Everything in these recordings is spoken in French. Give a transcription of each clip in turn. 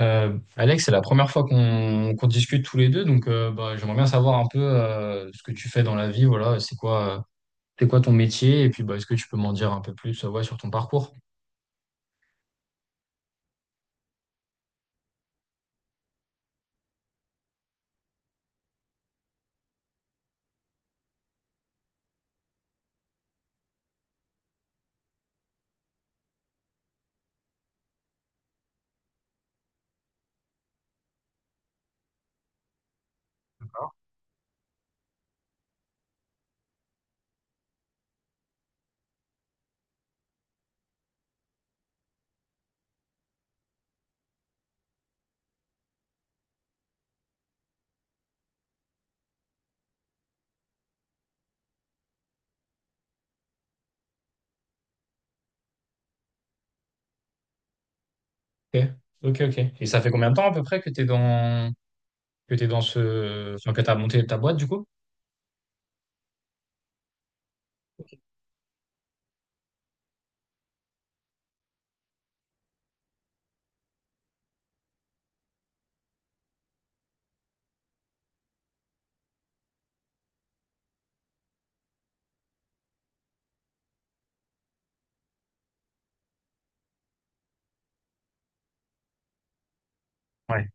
Alex, c'est la première fois qu'on discute tous les deux, donc bah, j'aimerais bien savoir un peu ce que tu fais dans la vie, voilà, c'est quoi ton métier, et puis bah, est-ce que tu peux m'en dire un peu plus ouais, sur ton parcours? Ok, ok, ok. Et ça fait combien de temps à peu près que tu es dans, que t'es dans ce, enfin, que tu as monté ta boîte du coup? Ouais.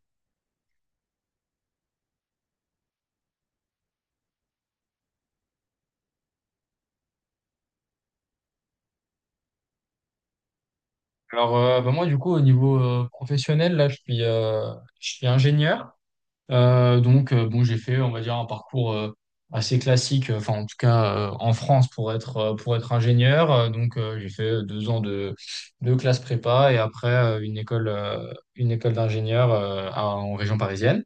Alors bah, moi du coup au niveau professionnel, je suis ingénieur. Donc, bon, j'ai fait, on va dire, un parcours assez classique, enfin, en tout cas, en France pour être ingénieur. Donc, j'ai fait 2 ans de classe prépa et après une école d'ingénieur en région parisienne.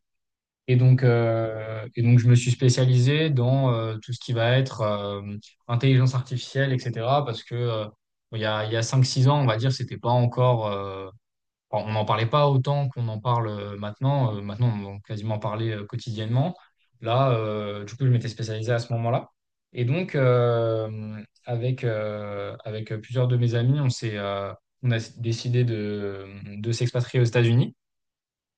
Et donc, je me suis spécialisé dans tout ce qui va être intelligence artificielle, etc. Parce que bon, il y a 5-6 ans, on va dire, c'était pas encore. Enfin, on n'en parlait pas autant qu'on en parle maintenant. Maintenant, on en quasiment parler quotidiennement. Là, du coup, je m'étais spécialisé à ce moment-là. Et donc, avec plusieurs de mes amis, on a décidé de s'expatrier aux États-Unis,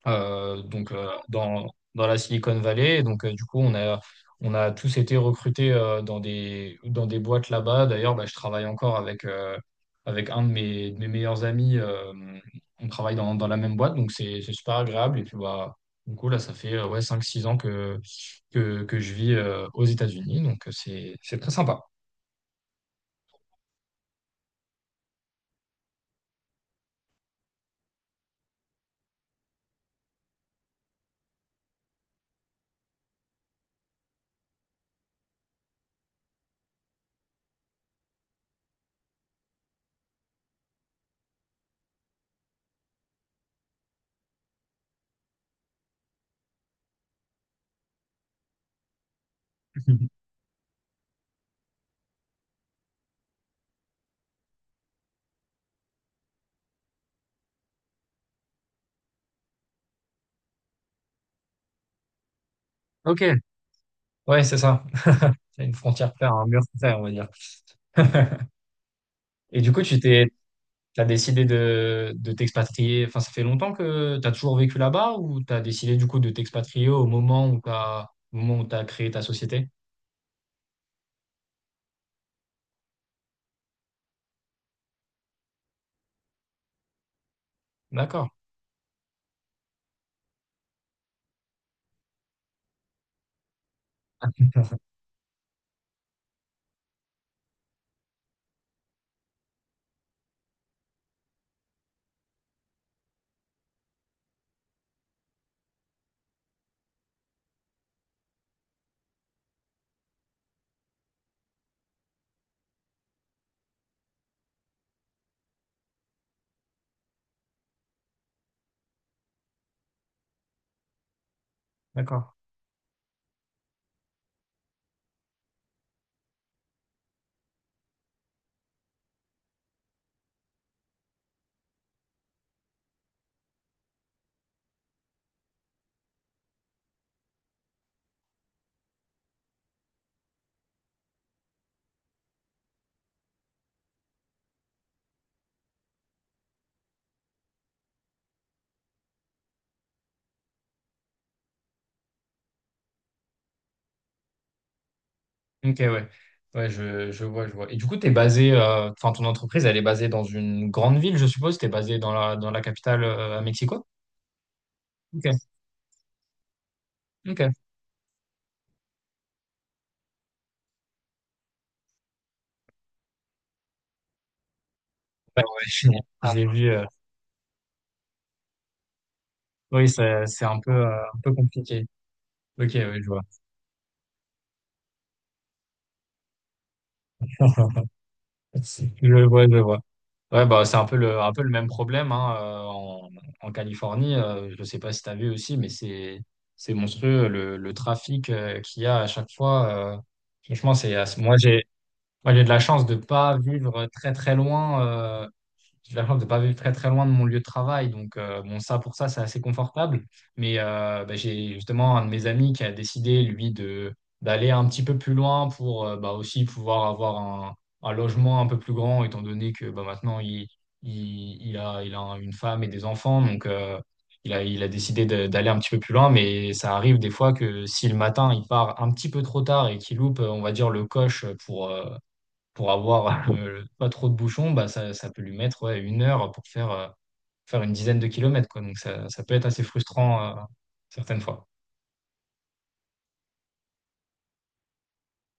donc dans la Silicon Valley. Donc du coup, on a tous été recrutés dans des boîtes là-bas. D'ailleurs, bah, je travaille encore avec un de mes meilleurs amis. On travaille dans la même boîte, donc c'est super agréable. Et puis bah, du coup, là, ça fait ouais, 5-6 ans que je vis aux États-Unis, donc c'est très sympa. Ok, ouais, c'est ça. C'est une frontière claire, un mur clair, on va dire. Et du coup, tu t'es T'as décidé de t'expatrier, enfin ça fait longtemps que t'as toujours vécu là-bas ou t'as décidé du coup de t'expatrier au moment où t'as créé ta société? D'accord, d'accord. Ok, ouais. Ouais, je vois, je vois. Et du coup, enfin ton entreprise, elle est basée dans une grande ville, je suppose. T'es basé dans la capitale, à Mexico? Ok, ok. Ouais, ouais, j'ai vu. Oui, c'est un peu compliqué. Ok, oui, je vois. Je vois, je vois. Ouais, bah, c'est un peu le même problème hein, en Californie. Je ne sais pas si tu as vu aussi, mais c'est monstrueux le trafic qu'il y a à chaque fois. Franchement, moi, moi, j'ai de la chance de ne pas vivre très, très loin J'ai la chance de pas vivre très très loin de mon lieu de travail. Donc, bon, ça, pour ça, c'est assez confortable. Mais bah, j'ai justement un de mes amis qui a décidé, lui, de d'aller un petit peu plus loin pour bah, aussi pouvoir avoir un logement un peu plus grand, étant donné que bah, maintenant, il a une femme et des enfants. Donc, il a décidé d'aller un petit peu plus loin. Mais ça arrive des fois que si le matin, il part un petit peu trop tard et qu'il loupe, on va dire, le coche pour avoir pas trop de bouchons, bah, ça peut lui mettre ouais, 1 heure faire une dizaine de kilomètres, quoi. Donc ça peut être assez frustrant certaines fois.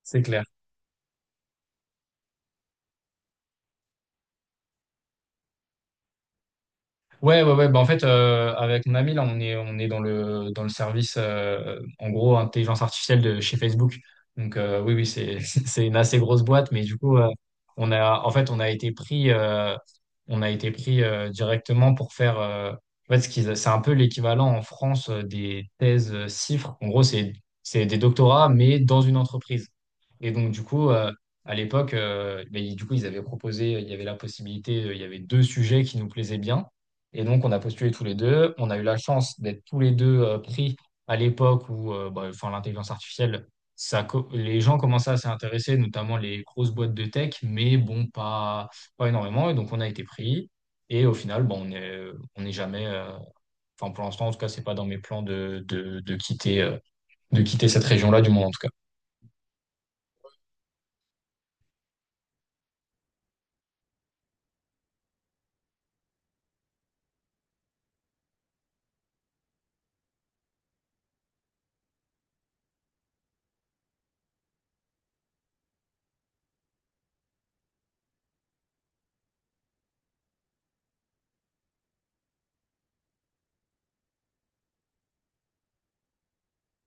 C'est clair. Ouais, ouais, ouais. Bah, en fait, avec mon ami, là, on est dans le service, en gros, intelligence artificielle de chez Facebook. Donc, oui, oui, c'est une assez grosse boîte, mais du coup, en fait, on a été pris directement pour faire, en fait, c'est un peu l'équivalent en France des thèses CIFRE. En gros, c'est des doctorats, mais dans une entreprise. Et donc, du coup, à l'époque, ben, du coup, ils avaient proposé, il y avait la possibilité, il y avait deux sujets qui nous plaisaient bien. Et donc, on a postulé tous les deux. On a eu la chance d'être tous les deux pris à l'époque où bah, enfin, l'intelligence artificielle, les gens commençaient à s'y intéresser, notamment les grosses boîtes de tech, mais bon, pas énormément. Et donc, on a été pris. Et au final, bon, on n'est jamais, enfin, pour l'instant, en tout cas, c'est pas dans mes plans de quitter cette région-là, du moins, en tout cas.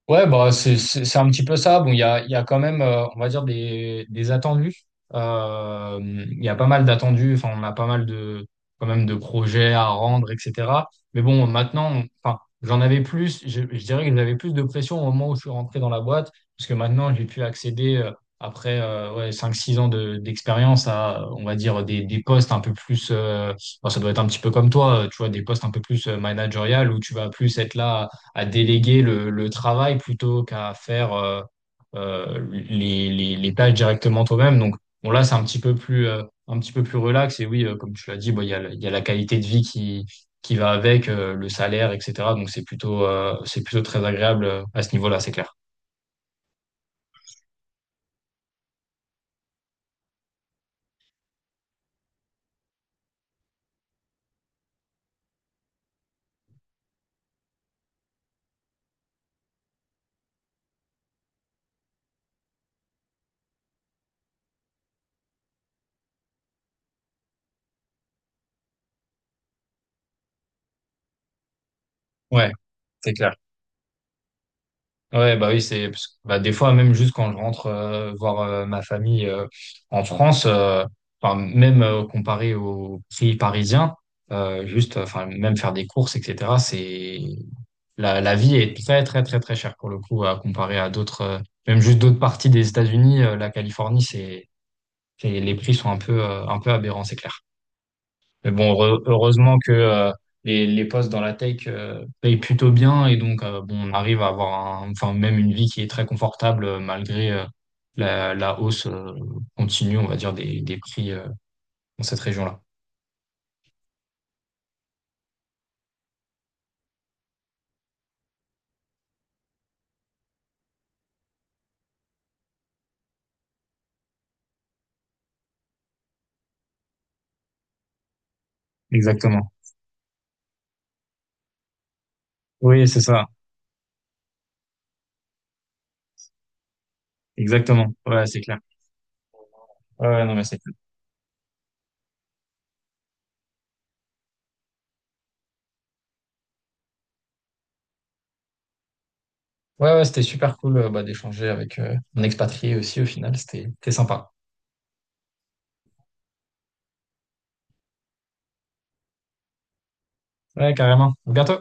Ouais, bah, c'est un petit peu ça. Bon, il y a quand même, on va dire, des attendus. Euh, il y a pas mal d'attendus. Enfin, on a pas mal quand même, de projets à rendre, etc. Mais bon, maintenant, enfin, j'en avais plus. Je dirais que j'avais plus de pression au moment où je suis rentré dans la boîte. Parce que maintenant, j'ai pu accéder, après ouais, 5-6 ans d'expérience, à, on va dire, des postes un peu plus. Bon, ça doit être un petit peu comme toi, tu vois, des postes un peu plus managériales où tu vas plus être là à déléguer le travail plutôt qu'à faire les tâches directement toi-même. Donc bon, là, c'est un petit peu plus relax. Et oui, comme tu l'as dit, bon, il y a la qualité de vie qui va avec, le salaire, etc. Donc c'est plutôt très agréable à ce niveau-là, c'est clair. Ouais, c'est clair. Ouais, bah oui, c'est parce que, bah, des fois même juste quand je rentre voir ma famille en France, enfin, même comparé aux prix parisiens, juste enfin même faire des courses, etc. La vie est très très très très chère pour le coup à comparer à d'autres, même juste d'autres parties des États-Unis. La Californie, les prix sont un peu aberrants, c'est clair. Mais bon, heureusement que les postes dans la tech payent plutôt bien et donc bon, on arrive à avoir enfin même une vie qui est très confortable malgré la hausse continue, on va dire, des prix dans cette région-là. Exactement. Oui, c'est ça. Exactement. Ouais, c'est clair. Ouais, ouais, non, mais c'est cool. Ouais, ouais, c'était super cool bah, d'échanger avec un expatrié aussi au final. C'était sympa. Ouais, carrément. À bientôt.